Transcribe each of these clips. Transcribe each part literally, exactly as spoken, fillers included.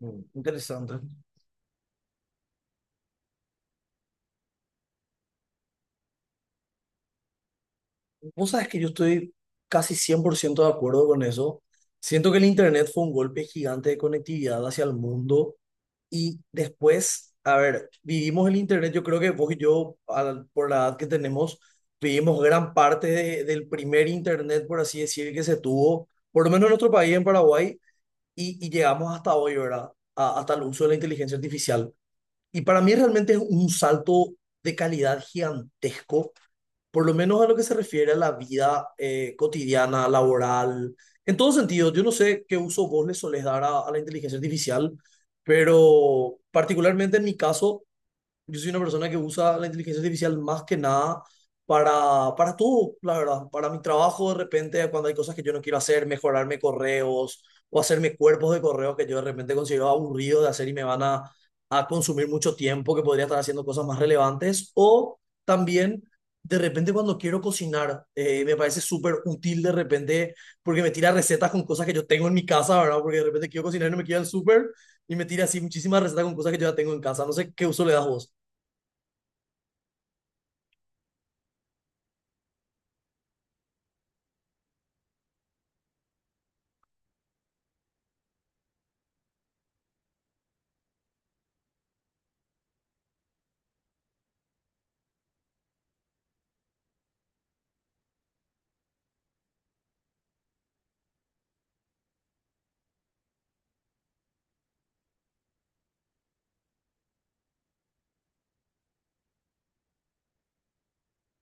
Mm, interesante. Vos sabés que yo estoy casi cien por ciento de acuerdo con eso. Siento que el Internet fue un golpe gigante de conectividad hacia el mundo y después, a ver, vivimos el Internet, yo creo que vos y yo, al- por la edad que tenemos, vivimos gran parte de- del primer Internet, por así decir, que se tuvo, por lo menos en nuestro país, en Paraguay, y, y llegamos hasta hoy, ¿verdad? A- hasta el uso de la inteligencia artificial. Y para mí realmente es un salto de calidad gigantesco, por lo menos a lo que se refiere a la vida eh, cotidiana, laboral, en todo sentido. Yo no sé qué uso vos le solés dar a, a la inteligencia artificial, pero particularmente en mi caso yo soy una persona que usa la inteligencia artificial más que nada para, para todo, la verdad. Para mi trabajo, de repente, cuando hay cosas que yo no quiero hacer, mejorarme correos o hacerme cuerpos de correos que yo de repente considero aburrido de hacer y me van a, a consumir mucho tiempo, que podría estar haciendo cosas más relevantes. O también, de repente, cuando quiero cocinar, eh, me parece súper útil de repente, porque me tira recetas con cosas que yo tengo en mi casa, ¿verdad? Porque de repente quiero cocinar y no me queda el súper y me tira así muchísimas recetas con cosas que yo ya tengo en casa. No sé qué uso le das vos.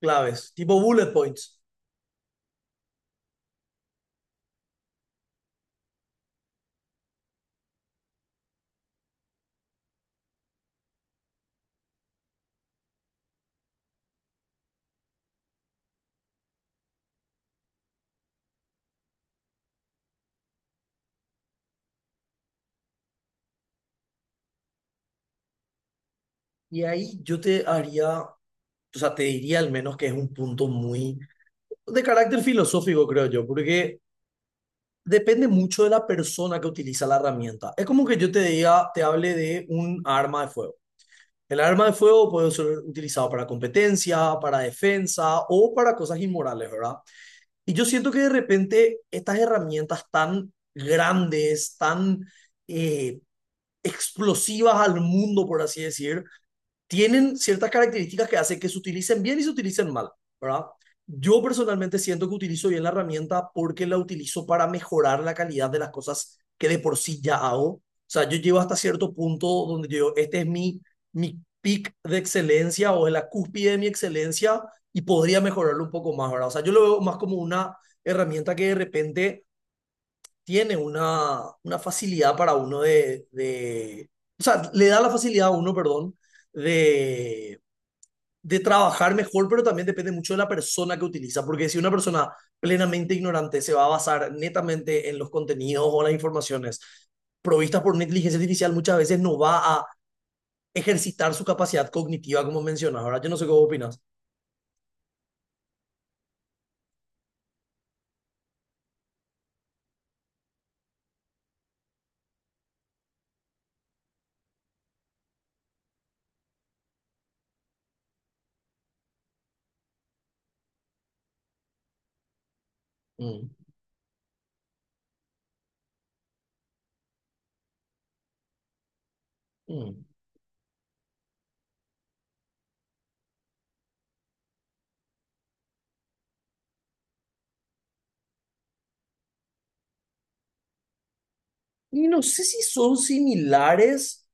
Claves, tipo bullet points. Y ahí yo te haría, o sea, te diría al menos que es un punto muy de carácter filosófico, creo yo, porque depende mucho de la persona que utiliza la herramienta. Es como que yo te diga, te hable de un arma de fuego. El arma de fuego puede ser utilizado para competencia, para defensa o para cosas inmorales, ¿verdad? Y yo siento que de repente estas herramientas tan grandes, tan eh, explosivas al mundo, por así decir, tienen ciertas características que hacen que se utilicen bien y se utilicen mal, ¿verdad? Yo personalmente siento que utilizo bien la herramienta porque la utilizo para mejorar la calidad de las cosas que de por sí ya hago. O sea, yo llego hasta cierto punto donde yo, este es mi, mi pic de excelencia o es la cúspide de mi excelencia y podría mejorarlo un poco más, ¿verdad? O sea, yo lo veo más como una herramienta que de repente tiene una, una facilidad para uno de, de, o sea, le da la facilidad a uno, perdón, de, de trabajar mejor, pero también depende mucho de la persona que utiliza, porque si una persona plenamente ignorante se va a basar netamente en los contenidos o las informaciones provistas por una inteligencia artificial, muchas veces no va a ejercitar su capacidad cognitiva, como mencionas. Ahora, yo no sé qué opinas. Mm, mm. Y no sé si son similares.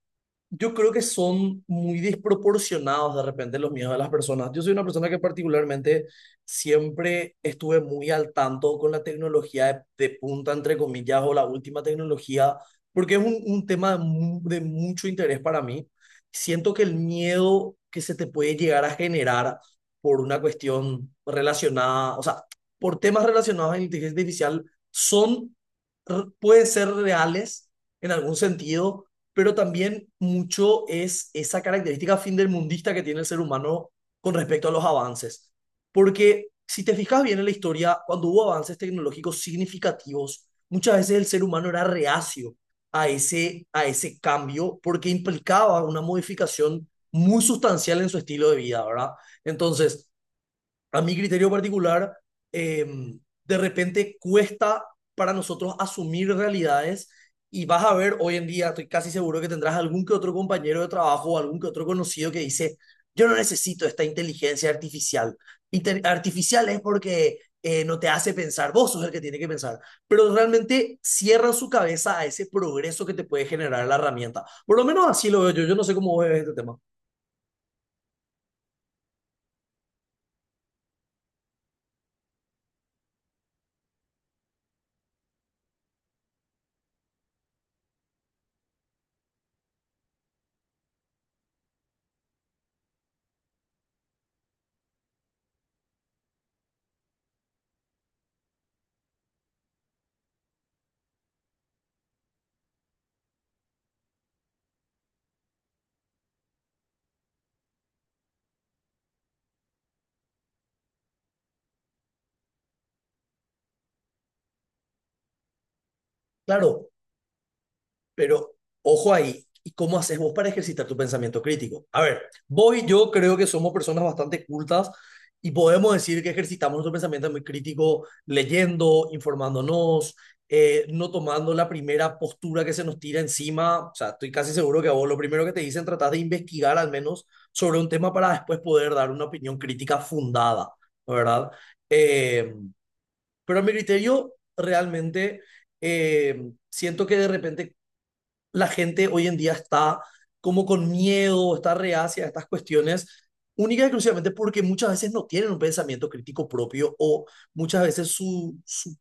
Yo creo que son muy desproporcionados de repente los miedos de las personas. Yo soy una persona que particularmente siempre estuve muy al tanto con la tecnología de, de punta, entre comillas, o la última tecnología, porque es un, un tema de, mu- de mucho interés para mí. Siento que el miedo que se te puede llegar a generar por una cuestión relacionada, o sea, por temas relacionados a la inteligencia artificial, son, r- pueden ser reales en algún sentido, pero también mucho es esa característica findermundista que tiene el ser humano con respecto a los avances. Porque si te fijas bien en la historia, cuando hubo avances tecnológicos significativos, muchas veces el ser humano era reacio a ese, a ese cambio porque implicaba una modificación muy sustancial en su estilo de vida, ¿verdad? Entonces, a mi criterio particular, eh, de repente cuesta para nosotros asumir realidades y vas a ver hoy en día, estoy casi seguro que tendrás algún que otro compañero de trabajo o algún que otro conocido que dice, yo no necesito esta inteligencia artificial. Inter- artificial es porque eh, no te hace pensar, vos sos el que tiene que pensar, pero realmente cierran su cabeza a ese progreso que te puede generar la herramienta. Por lo menos así lo veo yo, yo no sé cómo vos ves este tema. Claro, pero ojo ahí, ¿y cómo haces vos para ejercitar tu pensamiento crítico? A ver, vos y yo creo que somos personas bastante cultas y podemos decir que ejercitamos nuestro pensamiento muy crítico leyendo, informándonos, eh, no tomando la primera postura que se nos tira encima. O sea, estoy casi seguro que a vos lo primero que te dicen, tratás de investigar al menos sobre un tema para después poder dar una opinión crítica fundada, ¿verdad? Eh, pero a mi criterio, realmente eh, siento que de repente la gente hoy en día está como con miedo, está reacia a estas cuestiones, única y exclusivamente porque muchas veces no tienen un pensamiento crítico propio o muchas veces su, su-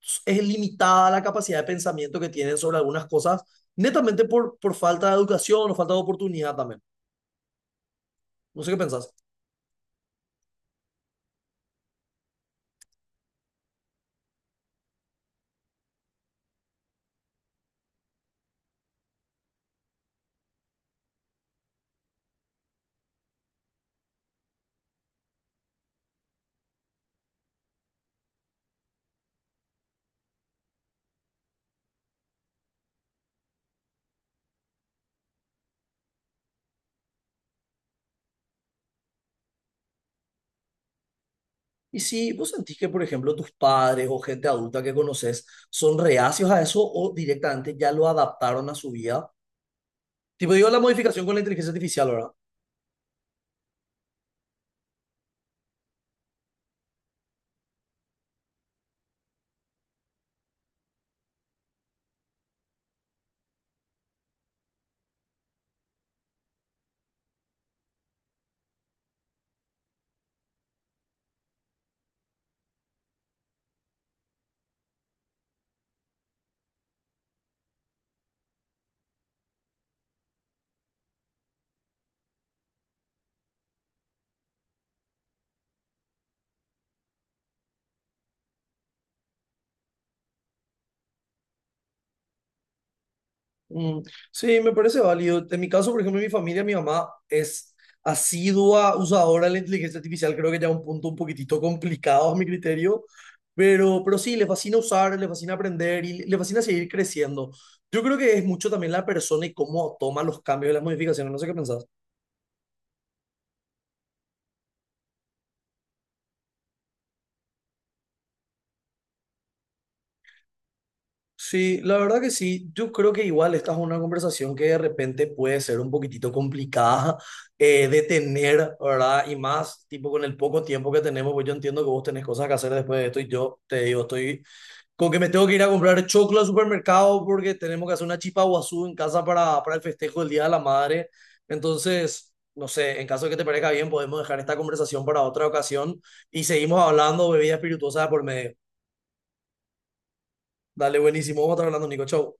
su- es limitada la capacidad de pensamiento que tienen sobre algunas cosas, netamente por, por falta de educación o falta de oportunidad también. No sé qué pensás. Y si vos sentís que, por ejemplo, tus padres o gente adulta que conoces son reacios a eso o directamente ya lo adaptaron a su vida, tipo digo la modificación con la inteligencia artificial, ¿verdad? Mm, sí, me parece válido. En mi caso, por ejemplo, mi familia, mi mamá es asidua usadora de la inteligencia artificial, creo que ya un punto un poquitito complicado a mi criterio, pero, pero sí, le fascina usar, le fascina aprender y le fascina seguir creciendo. Yo creo que es mucho también la persona y cómo toma los cambios y las modificaciones, no sé qué pensás. Sí, la verdad que sí. Yo creo que igual esta es una conversación que de repente puede ser un poquitito complicada eh, de tener, ¿verdad? Y más, tipo, con el poco tiempo que tenemos, pues yo entiendo que vos tenés cosas que hacer después de esto y yo te digo, estoy con que me tengo que ir a comprar choclo al supermercado porque tenemos que hacer una chipa guazú en casa para, para el festejo del Día de la Madre. Entonces, no sé, en caso de que te parezca bien, podemos dejar esta conversación para otra ocasión y seguimos hablando bebidas espirituosas de por medio. Dale, buenísimo. Vamos a estar hablando, Nico. Chau.